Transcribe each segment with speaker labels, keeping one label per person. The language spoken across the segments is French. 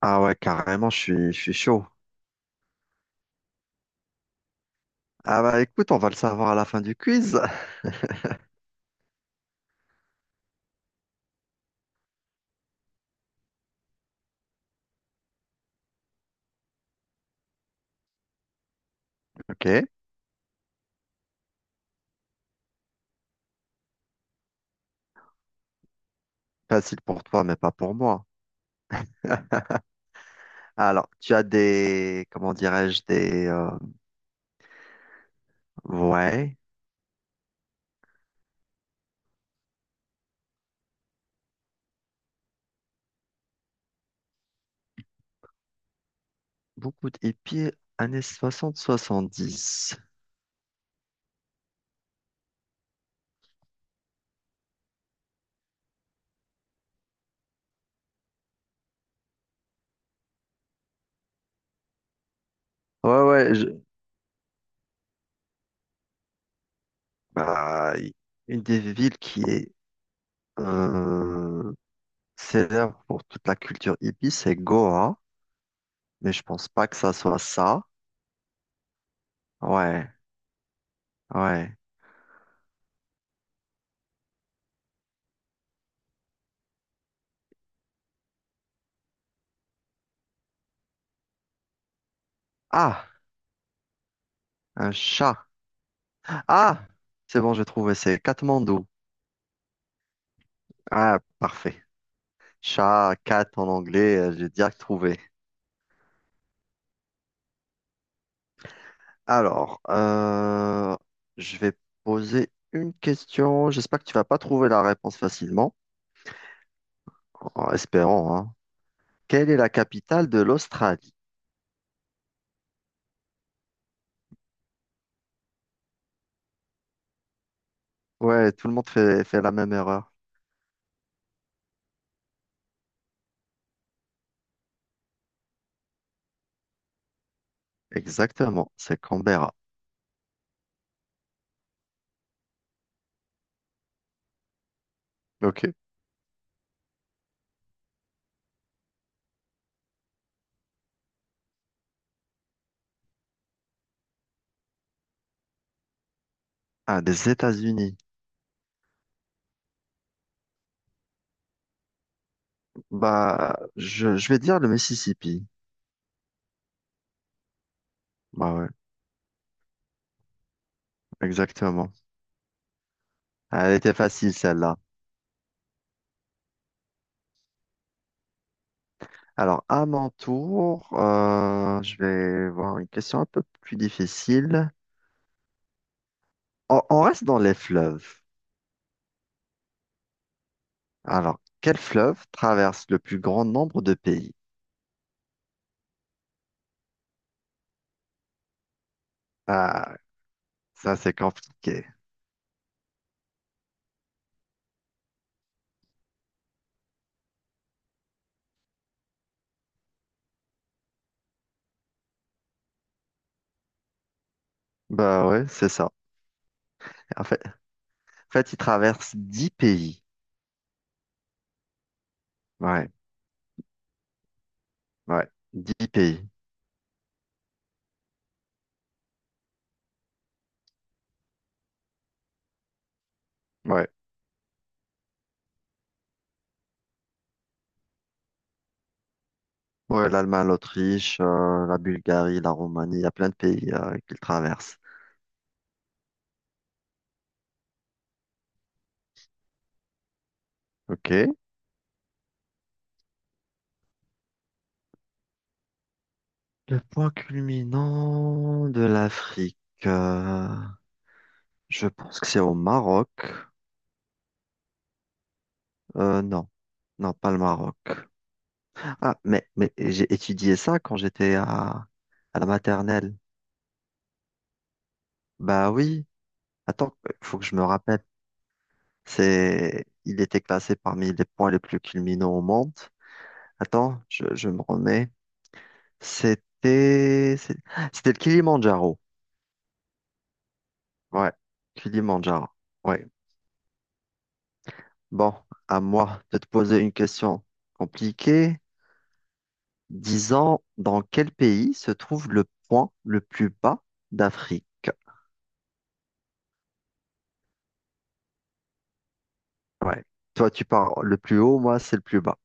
Speaker 1: Ah ouais, carrément, je suis chaud. Ah bah écoute, on va le savoir à la fin du quiz. Ok, facile pour toi, mais pas pour moi. Alors, tu as des, comment dirais-je, des, ouais, beaucoup de hippies années soixante-soixante-dix. Ouais, bah, une des villes qui est euh, célèbre pour toute la culture hippie, c'est Goa, mais je pense pas que ça soit ça. Ouais, ouais. Ah, un chat. Ah, c'est bon, j'ai trouvé, c'est Katmandou. Ah, parfait. Chat, cat en anglais, j'ai direct trouvé. Alors, je vais poser une question. J'espère que tu vas pas trouver la réponse facilement, en espérant, hein. Quelle est la capitale de l'Australie? Ouais, tout le monde fait la même erreur. Exactement, c'est Canberra. Ok. Ah, des États-Unis. Bah, je vais dire le Mississippi. Bah ouais, exactement. Ah, elle était facile, celle-là. Alors, à mon tour, je vais voir une question un peu plus difficile. On reste dans les fleuves. Alors, quel fleuve traverse le plus grand nombre de pays? Ah, ça c'est compliqué. Bah ouais, c'est ça. En fait, il traverse 10 pays. Ouais, ouais, 10 pays. Ouais, ouais, l'Allemagne, l'Autriche, la Bulgarie, la Roumanie, il y a plein de pays qu'il traverse. Ok. Le point culminant de l'Afrique. euh, Je pense que c'est au Maroc. Non, non, pas le Maroc. Ah, mais j'ai étudié ça quand à la maternelle. Bah oui, attends, il faut que je me rappelle. C'est, il était classé parmi les points les plus culminants au monde. Attends, je me remets. C'était, c'est- c'était le Kilimandjaro. Ouais, Kilimandjaro. Ouais. Bon, à moi de te poser une question compliquée. Disons, dans quel pays se trouve le point le plus bas d'Afrique? Ouais. Toi, tu parles le plus haut, moi, c'est le plus bas.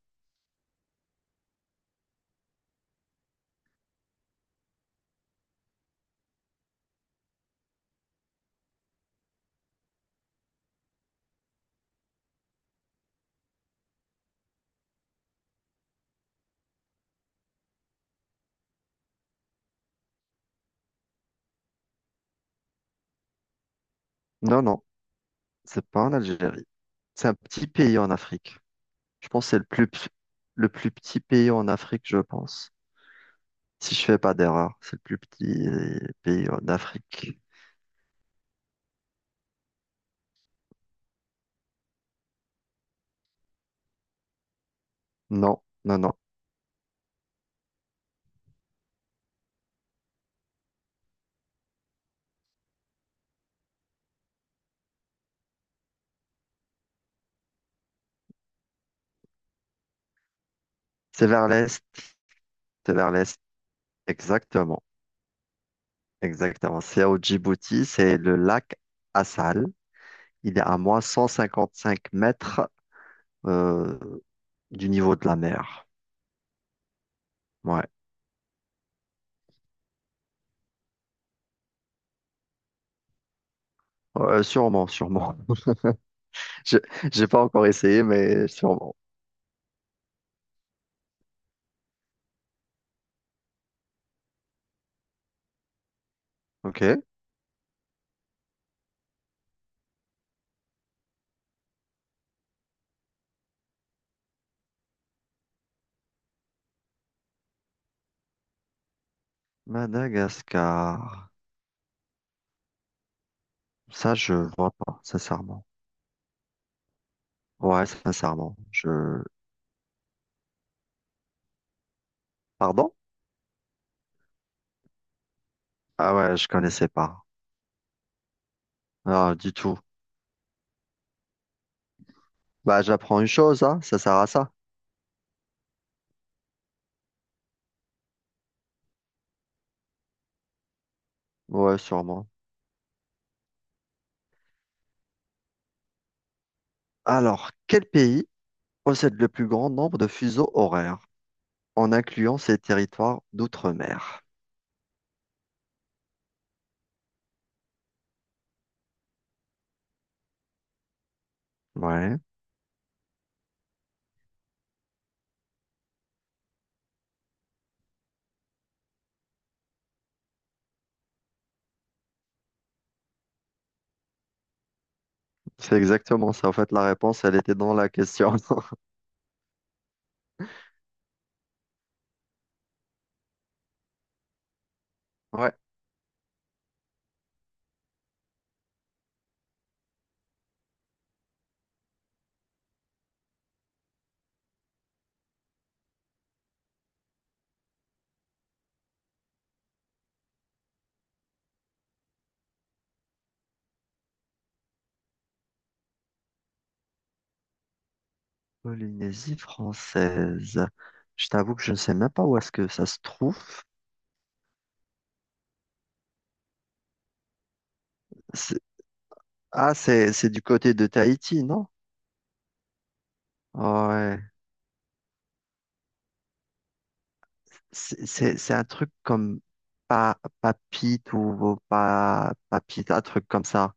Speaker 1: Non, non, c'est pas en Algérie. C'est un petit pays en Afrique. Je pense que c'est le plus petit pays en Afrique, je pense. Si je fais pas d'erreur, c'est le plus petit pays en Afrique. Non, non, non. C'est vers l'est. C'est vers l'est. Exactement. Exactement. C'est au Djibouti. C'est le lac Assal. Il est à moins 155 mètres euh, du niveau de la mer. Ouais. Sûrement, sûrement. Je, j'ai pas encore essayé, mais sûrement. Ok. Madagascar. Ça, je vois pas, sincèrement. Ouais, sincèrement. Je... Pardon? Ah ouais, je connaissais pas. Ah, du tout. Bah, j'apprends une chose, hein. Ça sert à ça. Ouais, sûrement. Alors, quel pays possède le plus grand nombre de fuseaux horaires en incluant ses territoires d'outre-mer? Ouais, c'est exactement ça. En fait, la réponse, elle était dans la question. Ouais, Polynésie française. Je t'avoue que je ne sais même pas où est-ce que ça se trouve. C'est- Ah, c'est du côté de Tahiti, non? Ouais. C'est un truc comme pa Papite ou pa Papite, un truc comme ça.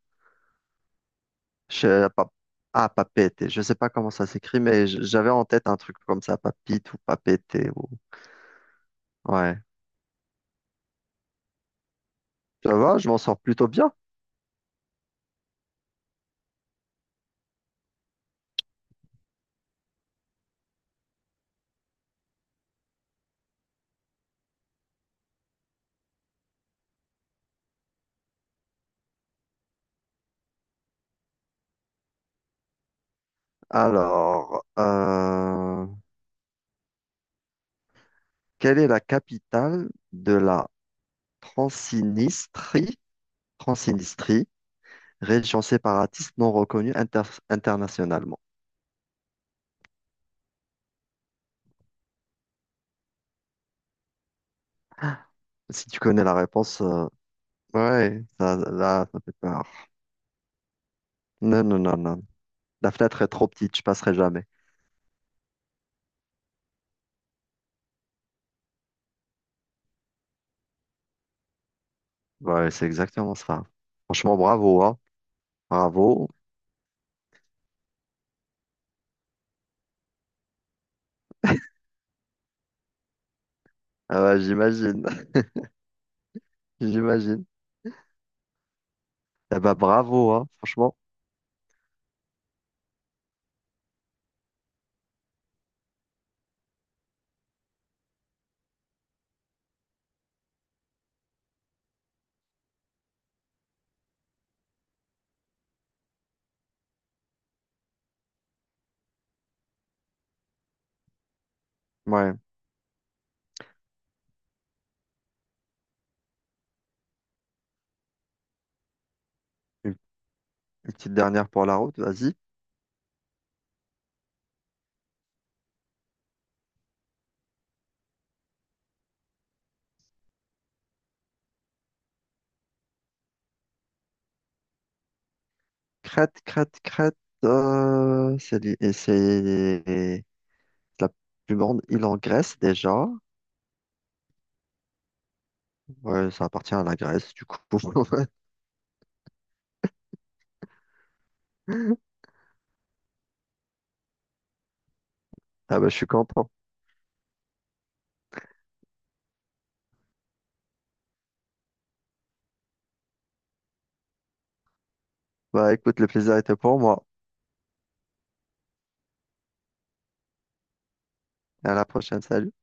Speaker 1: Je, pa- Papete. Je ne sais pas comment ça s'écrit, mais j'avais en tête un truc comme ça, Papite ou Papete. Ou... Ouais. Ça va, je m'en sors plutôt bien. Alors, quelle est la capitale de la Transnistrie, Transnistrie, région séparatiste non reconnue internationalement. Si tu connais la réponse, ouais, ça, là, ça fait peur. Non, non, non, non. La fenêtre est trop petite, je passerai jamais. Ouais, c'est exactement ça. Franchement, bravo, hein. Bravo. Ah ouais, j'imagine, j'imagine. Eh ben, bravo, hein, franchement. Ouais. Une, une petite dernière pour la route, vas-y. Crète, Crète, Crète. C'est li- et c'est la plus grande île en Grèce déjà. Ouais, ça appartient à la Grèce, du coup. Ah bah, je suis content. Bah, écoute, le plaisir était pour moi. À la prochaine, salut.